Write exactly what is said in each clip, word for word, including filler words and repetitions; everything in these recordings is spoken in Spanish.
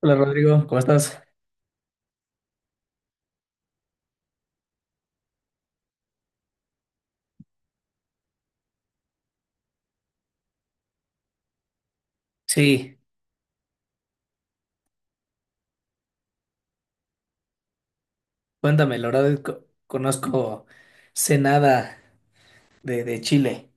Hola Rodrigo, ¿cómo estás? Sí, cuéntame, la verdad co- conozco sé nada de, de Chile.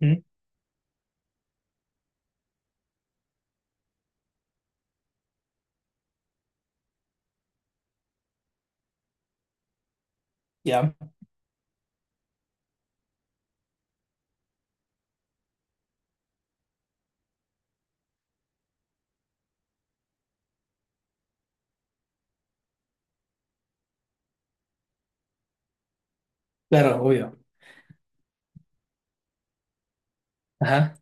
¿Mm? Ya, claro, obvio. Ajá.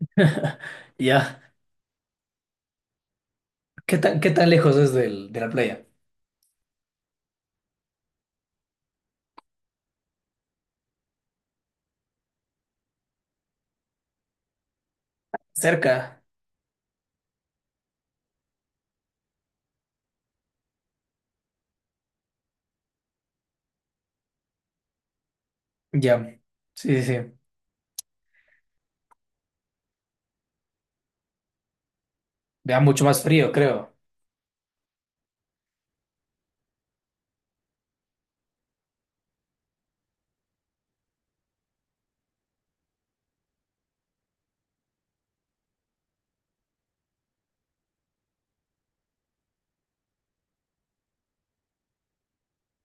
Ya. ¿Qué tan, qué tan lejos es del, de la playa? Cerca. Ya. Sí, sí, sí. Ya mucho más frío, creo.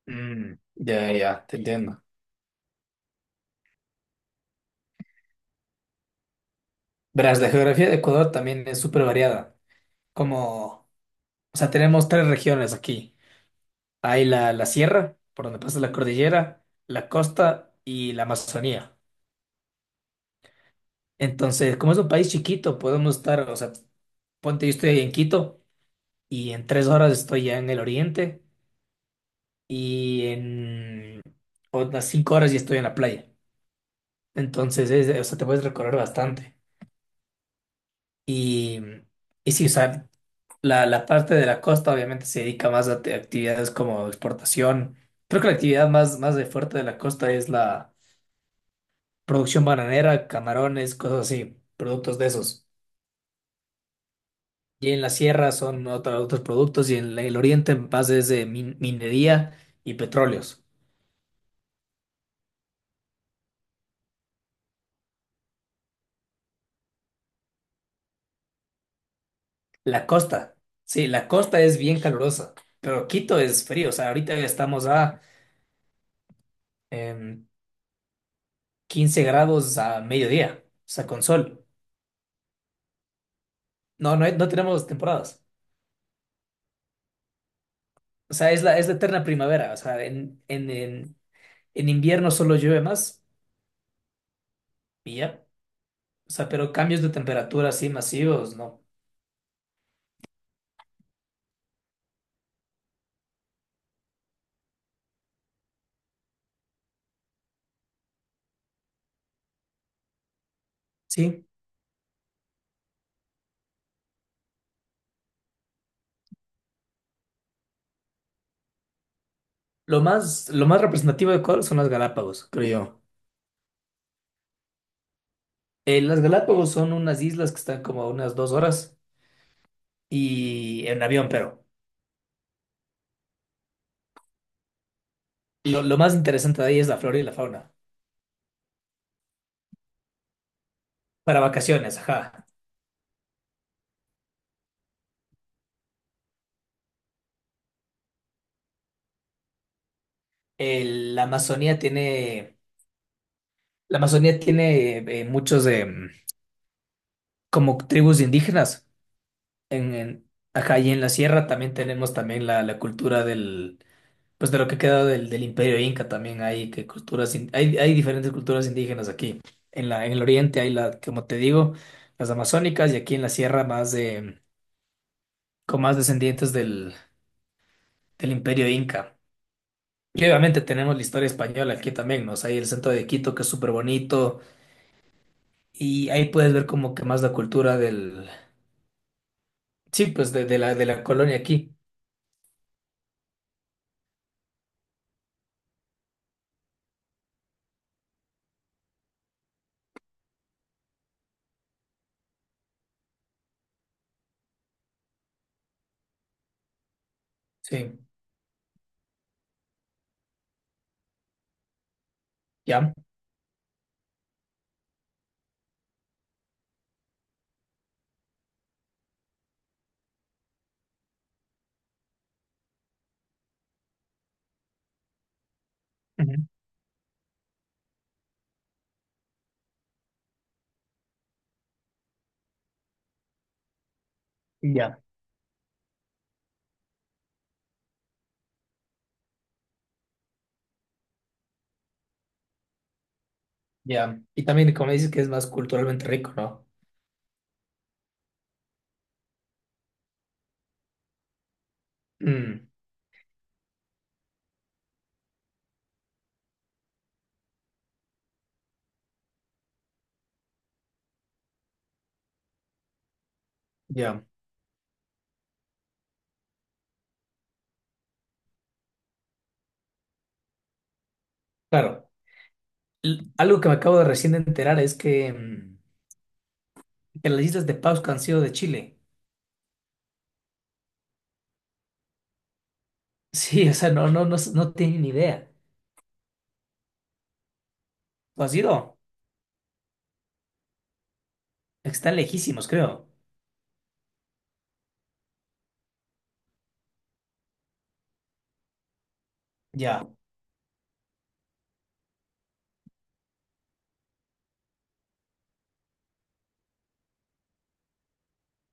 Mm, ya, ya, te entiendo. Verás, la geografía de Ecuador también es súper variada. Como, o sea, tenemos tres regiones aquí. Hay la, la sierra, por donde pasa la cordillera, la costa y la Amazonía. Entonces, como es un país chiquito, podemos estar, o sea, ponte, yo estoy en Quito y en tres horas estoy ya en el oriente y en otras cinco horas ya estoy en la playa. Entonces, es- o sea, te puedes recorrer bastante. Y, y sí, o sea, la, la parte de la costa obviamente se dedica más a te- actividades como exportación. Creo que la actividad más, más de fuerte de la costa es la producción bananera, camarones, cosas así, productos de esos. Y en la sierra son otra- otros productos y en la- el oriente más es de min- minería y petróleos. La costa, sí, la costa es bien calurosa, pero Quito es frío, o sea, ahorita estamos a em, quince grados a mediodía, o sea, con sol. No, no, no tenemos temporadas, o sea, es la, es la eterna primavera, o sea, en, en, en, en invierno solo llueve más y ya, o sea, pero cambios de temperatura así masivos, no. Sí, lo más, lo más representativo de Ecuador son las Galápagos, creo yo. Eh, las Galápagos son unas islas que están como a unas dos horas y en avión, pero lo, lo más interesante de ahí es la flora y la fauna. Para vacaciones, ajá. El- la Amazonía tiene, la Amazonía tiene eh, muchos em, como tribus indígenas. En, en- ajá, y en la sierra también tenemos también la, la cultura del, pues de lo que queda del, del Imperio Inca también hay que culturas, in- hay, hay diferentes culturas indígenas aquí. En la, en el oriente hay la, como te digo, las amazónicas y aquí en la sierra más de con más descendientes del, del Imperio Inca. Y obviamente tenemos la historia española aquí también, ¿no? O sea, hay el centro de Quito que es súper bonito y ahí puedes ver como que más la cultura del... Sí, pues de, de la, de la colonia aquí. Sí, ya. Ujú. Ya, ya. Y también como dices que es más culturalmente rico, ¿no? Mm, ya. Claro. L- algo que me acabo de recién de enterar es que, mm, que las islas de Pascua han sido de Chile. Sí, o sea, no, no, no, no tienen ni idea. ¿Tú has ido? Están lejísimos, creo. Ya.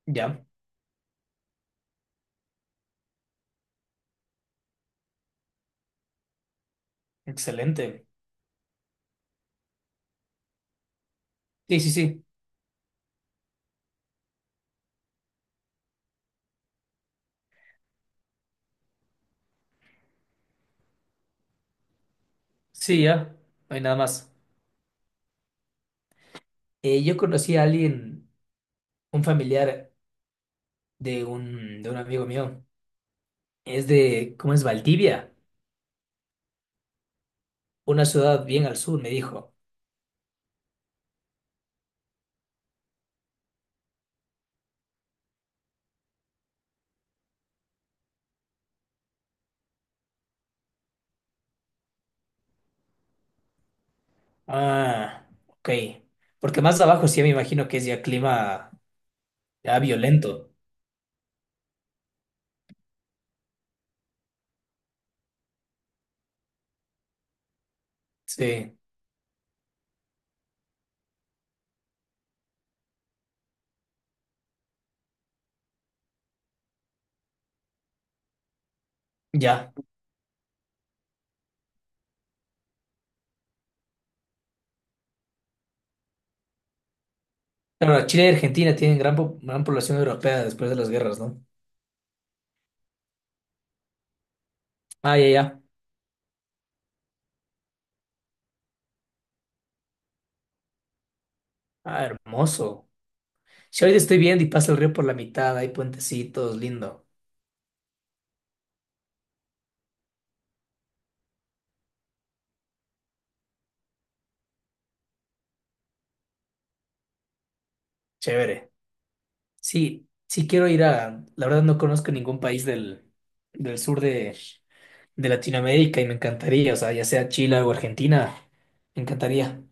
Ya, excelente. Sí, sí, sí. Sí, ya. No hay nada más. Eh, yo conocí a alguien, un familiar de un, de un amigo mío. Es de, ¿cómo es? Valdivia, una ciudad bien al sur, me dijo. Ah, ok. Porque más abajo sí me imagino que es ya clima ya violento. Sí, ya. Claro, Chile y Argentina tienen gran, po- gran población europea después de las guerras, ¿no? Ah, ya, ya. Ah, hermoso. Si ahorita estoy viendo y pasa el río por la mitad, hay puentecitos, lindo. Chévere. Sí, sí quiero ir a, la verdad no conozco ningún país del, del sur de, de Latinoamérica y me encantaría, o sea, ya sea Chile o Argentina, me encantaría.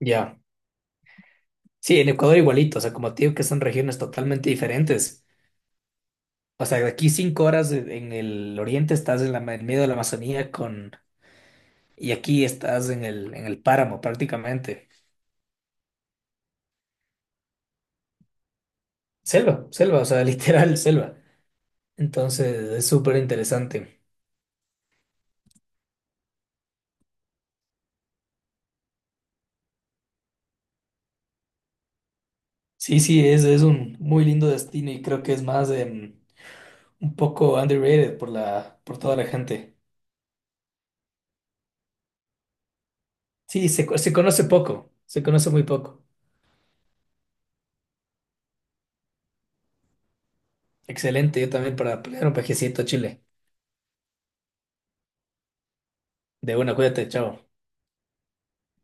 Ya. Sí, en Ecuador igualito, o sea, como te digo que son regiones totalmente diferentes. O sea, de aquí cinco horas en en el oriente estás en la, ma- en medio de la Amazonía con, y aquí estás en el, en el páramo prácticamente. Selva, selva, o sea, literal selva. Entonces es súper interesante. Sí, sí, es, es un muy lindo destino y creo que es más em, un poco underrated por la, por toda la gente. Sí, se, co- se conoce poco, se conoce muy poco. Excelente, yo también para pelear un pajecito a Chile. De una, cuídate, chao.